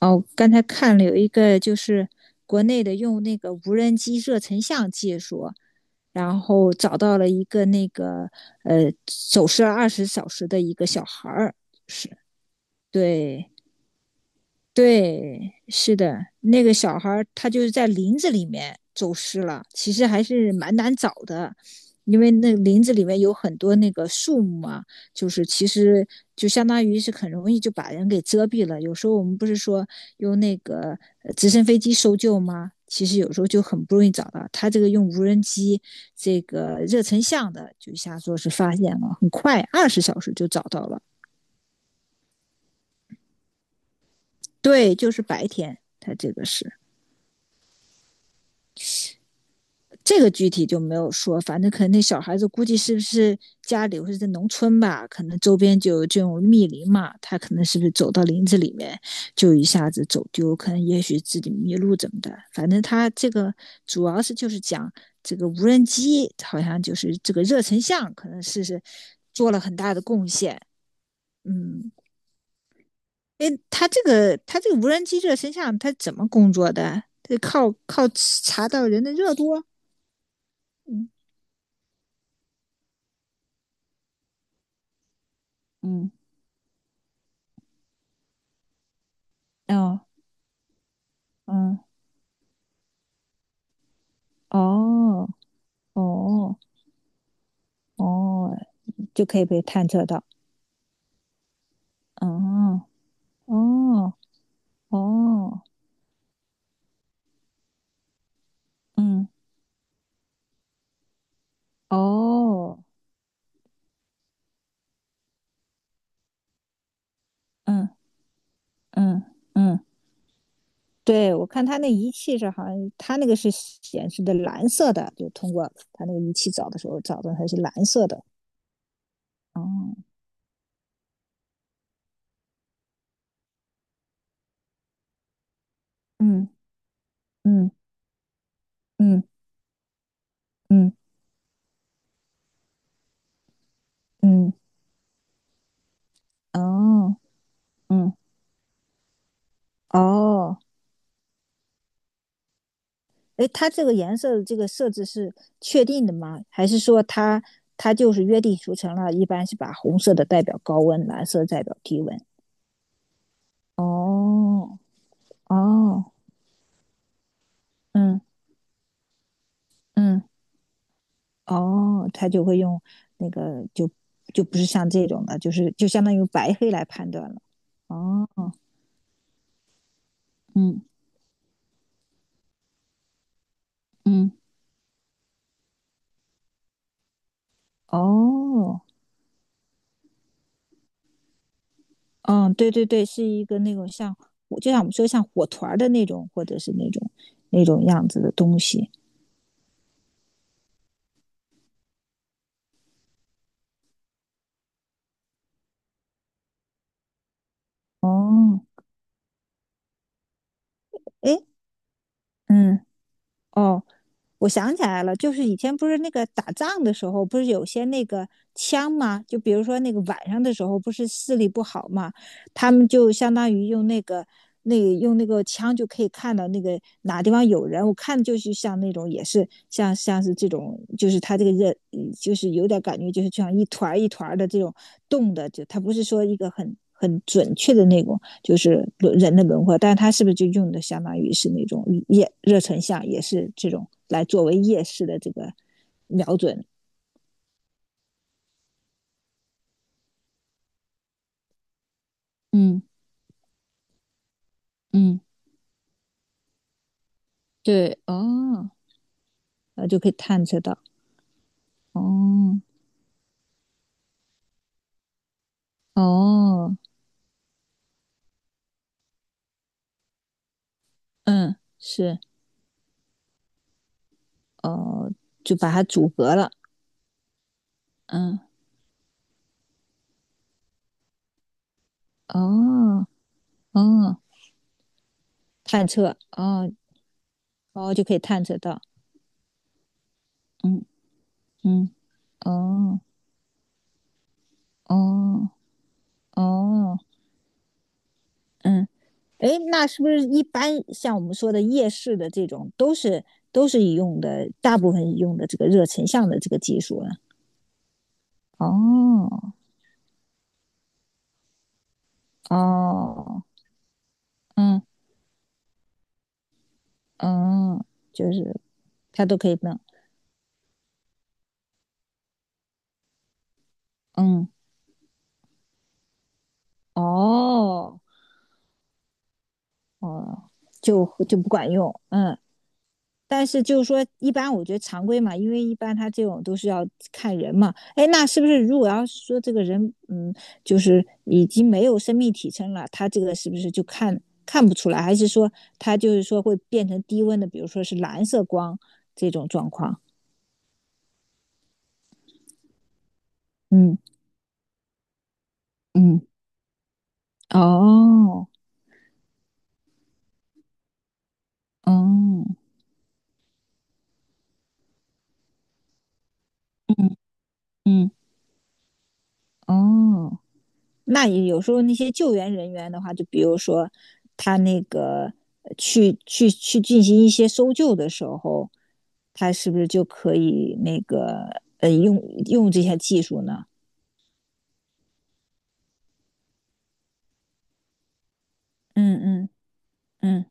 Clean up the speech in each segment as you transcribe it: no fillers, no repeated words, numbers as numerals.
哦，我刚才看了有一个就是国内的用那个无人机热成像技术，然后找到了一个那个呃走失了二十小时的一个小孩儿，是对，对，是的，那个小孩儿他就是在林子里面走失了，其实还是蛮难找的，因为那林子里面有很多那个树木啊，就是其实就相当于是很容易就把人给遮蔽了。有时候我们不是说用那个直升飞机搜救吗？其实有时候就很不容易找到。他这个用无人机这个热成像的，就一下说是发现了，很快二十小时就找到了。对，就是白天，他这个是。这个具体就没有说，反正可能那小孩子估计是不是家里或者在农村吧，可能周边就有这种密林嘛，他可能是不是走到林子里面就一下子走丢，可能也许自己迷路怎么的，反正他这个主要是就是讲这个无人机好像就是这个热成像可能是做了很大的贡献，嗯，诶，他这个无人机热成像他怎么工作的？他靠查到人的热度啊，嗯嗯哦。嗯，哦，哦，哦，就可以被探测到。嗯，哦，哦，嗯，哦，嗯嗯嗯，对，我看他那仪器是好像，他那个是显示的蓝色的，就通过他那个仪器找的时候找的它是蓝色的。哦，嗯嗯嗯嗯嗯嗯，哦，嗯哦。哎，它这个颜色的这个设置是确定的吗？还是说它就是约定俗成了？一般是把红色的代表高温，蓝色代表低温。哦哦，嗯嗯，哦，它就会用那个就就不是像这种的，就是就相当于白黑来判断了。哦，嗯嗯，哦，嗯，对对对，是一个那种像就像我们说像火团儿的那种，或者是那种那种样子的东西。哦，哎，嗯，哦，我想起来了，就是以前不是那个打仗的时候，不是有些那个枪吗？就比如说那个晚上的时候，不是视力不好嘛，他们就相当于用那个那个用那个枪就可以看到那个哪地方有人。我看就是像那种也是像是这种，就是他这个人嗯就是有点感觉，就是像一团儿一团儿的这种动的，就他不是说一个很准确的那种，就是人的轮廓，但是它是不是就用的相当于是那种夜热成像，也是这种来作为夜视的这个瞄准？嗯嗯，对哦，那就可以探测到哦哦，嗯是哦，就把它阻隔了，嗯哦哦探测哦哦就可以探测到，嗯嗯哦哦哦嗯。哎，那是不是一般像我们说的夜视的这种，都是都是用的，大部分用的这个热成像的这个技术呢？哦哦，嗯嗯，就是它都可以弄，嗯哦哦，就就不管用，嗯但是就是说，一般我觉得常规嘛，因为一般他这种都是要看人嘛。哎，那是不是如果要是说这个人，嗯，就是已经没有生命体征了，他这个是不是就看看不出来？还是说他就是说会变成低温的，比如说是蓝色光这种状况？嗯嗯，哦，哦，嗯嗯哦。那有时候那些救援人员的话，就比如说他那个呃去进行一些搜救的时候，他是不是就可以那个用用这些技术呢？嗯嗯嗯，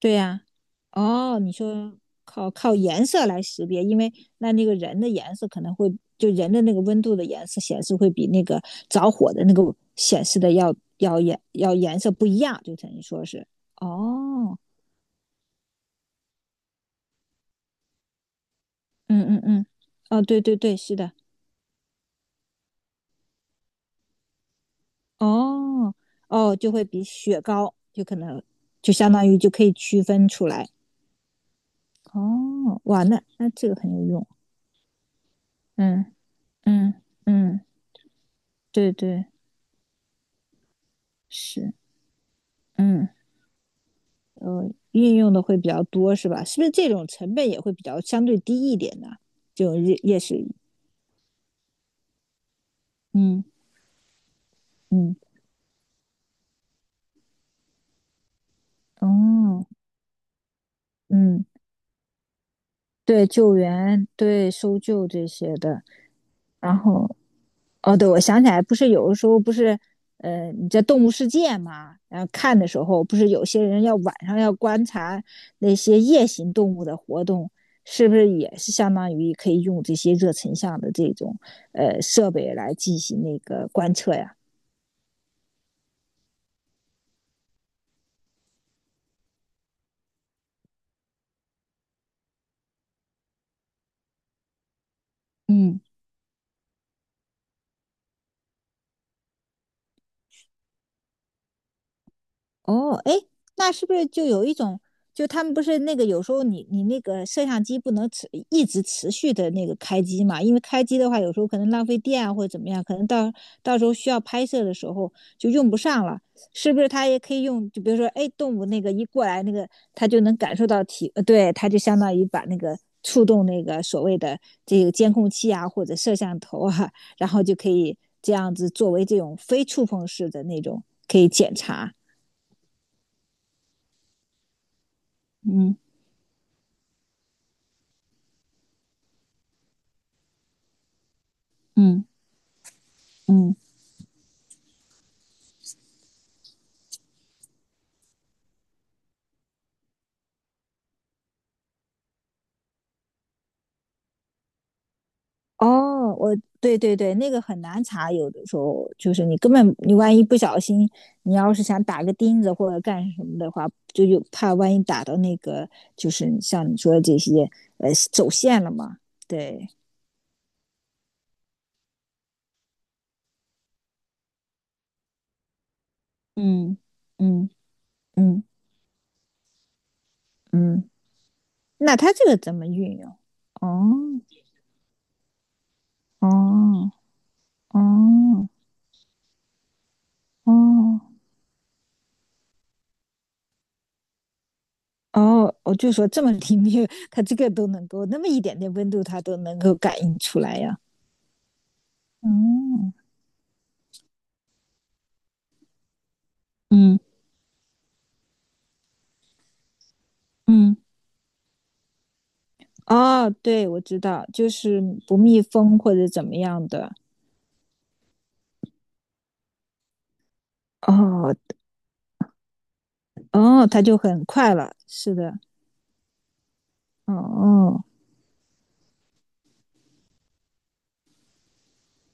对呀、哦，你说靠靠颜色来识别，因为那那个人的颜色可能会就人的那个温度的颜色显示会比那个着火的那个显示的要颜色不一样，就等于说是哦。嗯嗯嗯，哦，对对对，是的，哦哦，就会比雪糕就可能就相当于就可以区分出来。哦，哇，那这个很有用。嗯嗯嗯，对对是，嗯，运用的会比较多是吧？是不是这种成本也会比较相对低一点呢？就夜夜市，嗯嗯哦嗯，对救援对搜救这些的，然后哦，对，我想起来，不是有的时候不是，呃，你在动物世界嘛，然后看的时候，不是有些人要晚上要观察那些夜行动物的活动，是不是也是相当于可以用这些热成像的这种设备来进行那个观测呀？嗯，哦，哎，那是不是就有一种，就他们不是那个有时候你那个摄像机不能一直持续的那个开机嘛？因为开机的话，有时候可能浪费电啊或者怎么样，可能到到时候需要拍摄的时候就用不上了，是不是？它也可以用，就比如说，哎，动物那个一过来，那个它就能感受到体，呃，对，它就相当于把那个触动那个所谓的这个监控器啊或者摄像头啊，然后就可以这样子作为这种非触碰式的那种可以检查，嗯。嗯嗯，哦，我对对对，那个很难查，有的时候就是你根本你万一不小心，你要是想打个钉子或者干什么的话，就有怕万一打到那个就是像你说的这些走线了嘛。对，嗯嗯嗯嗯，那它这个怎么运用？哦哦哦哦哦，我就说这么灵敏，它这个都能够那么一点点温度，它都能够感应出来呀。哦嗯嗯，哦，对，我知道，就是不密封或者怎么样的。哦哦，它就很快了，是的。哦哦，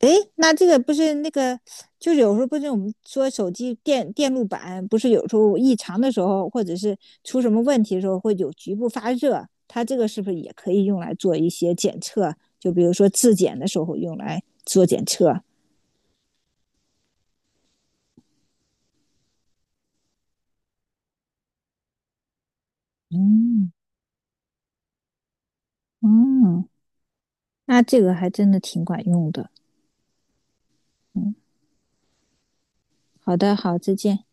诶，那这个不是那个，就是有时候不是我们说手机电路板不是有时候异常的时候，或者是出什么问题的时候会有局部发热，它这个是不是也可以用来做一些检测？就比如说质检的时候用来做检测。嗯嗯，那这个还真的挺管用的。嗯。好的，好，再见。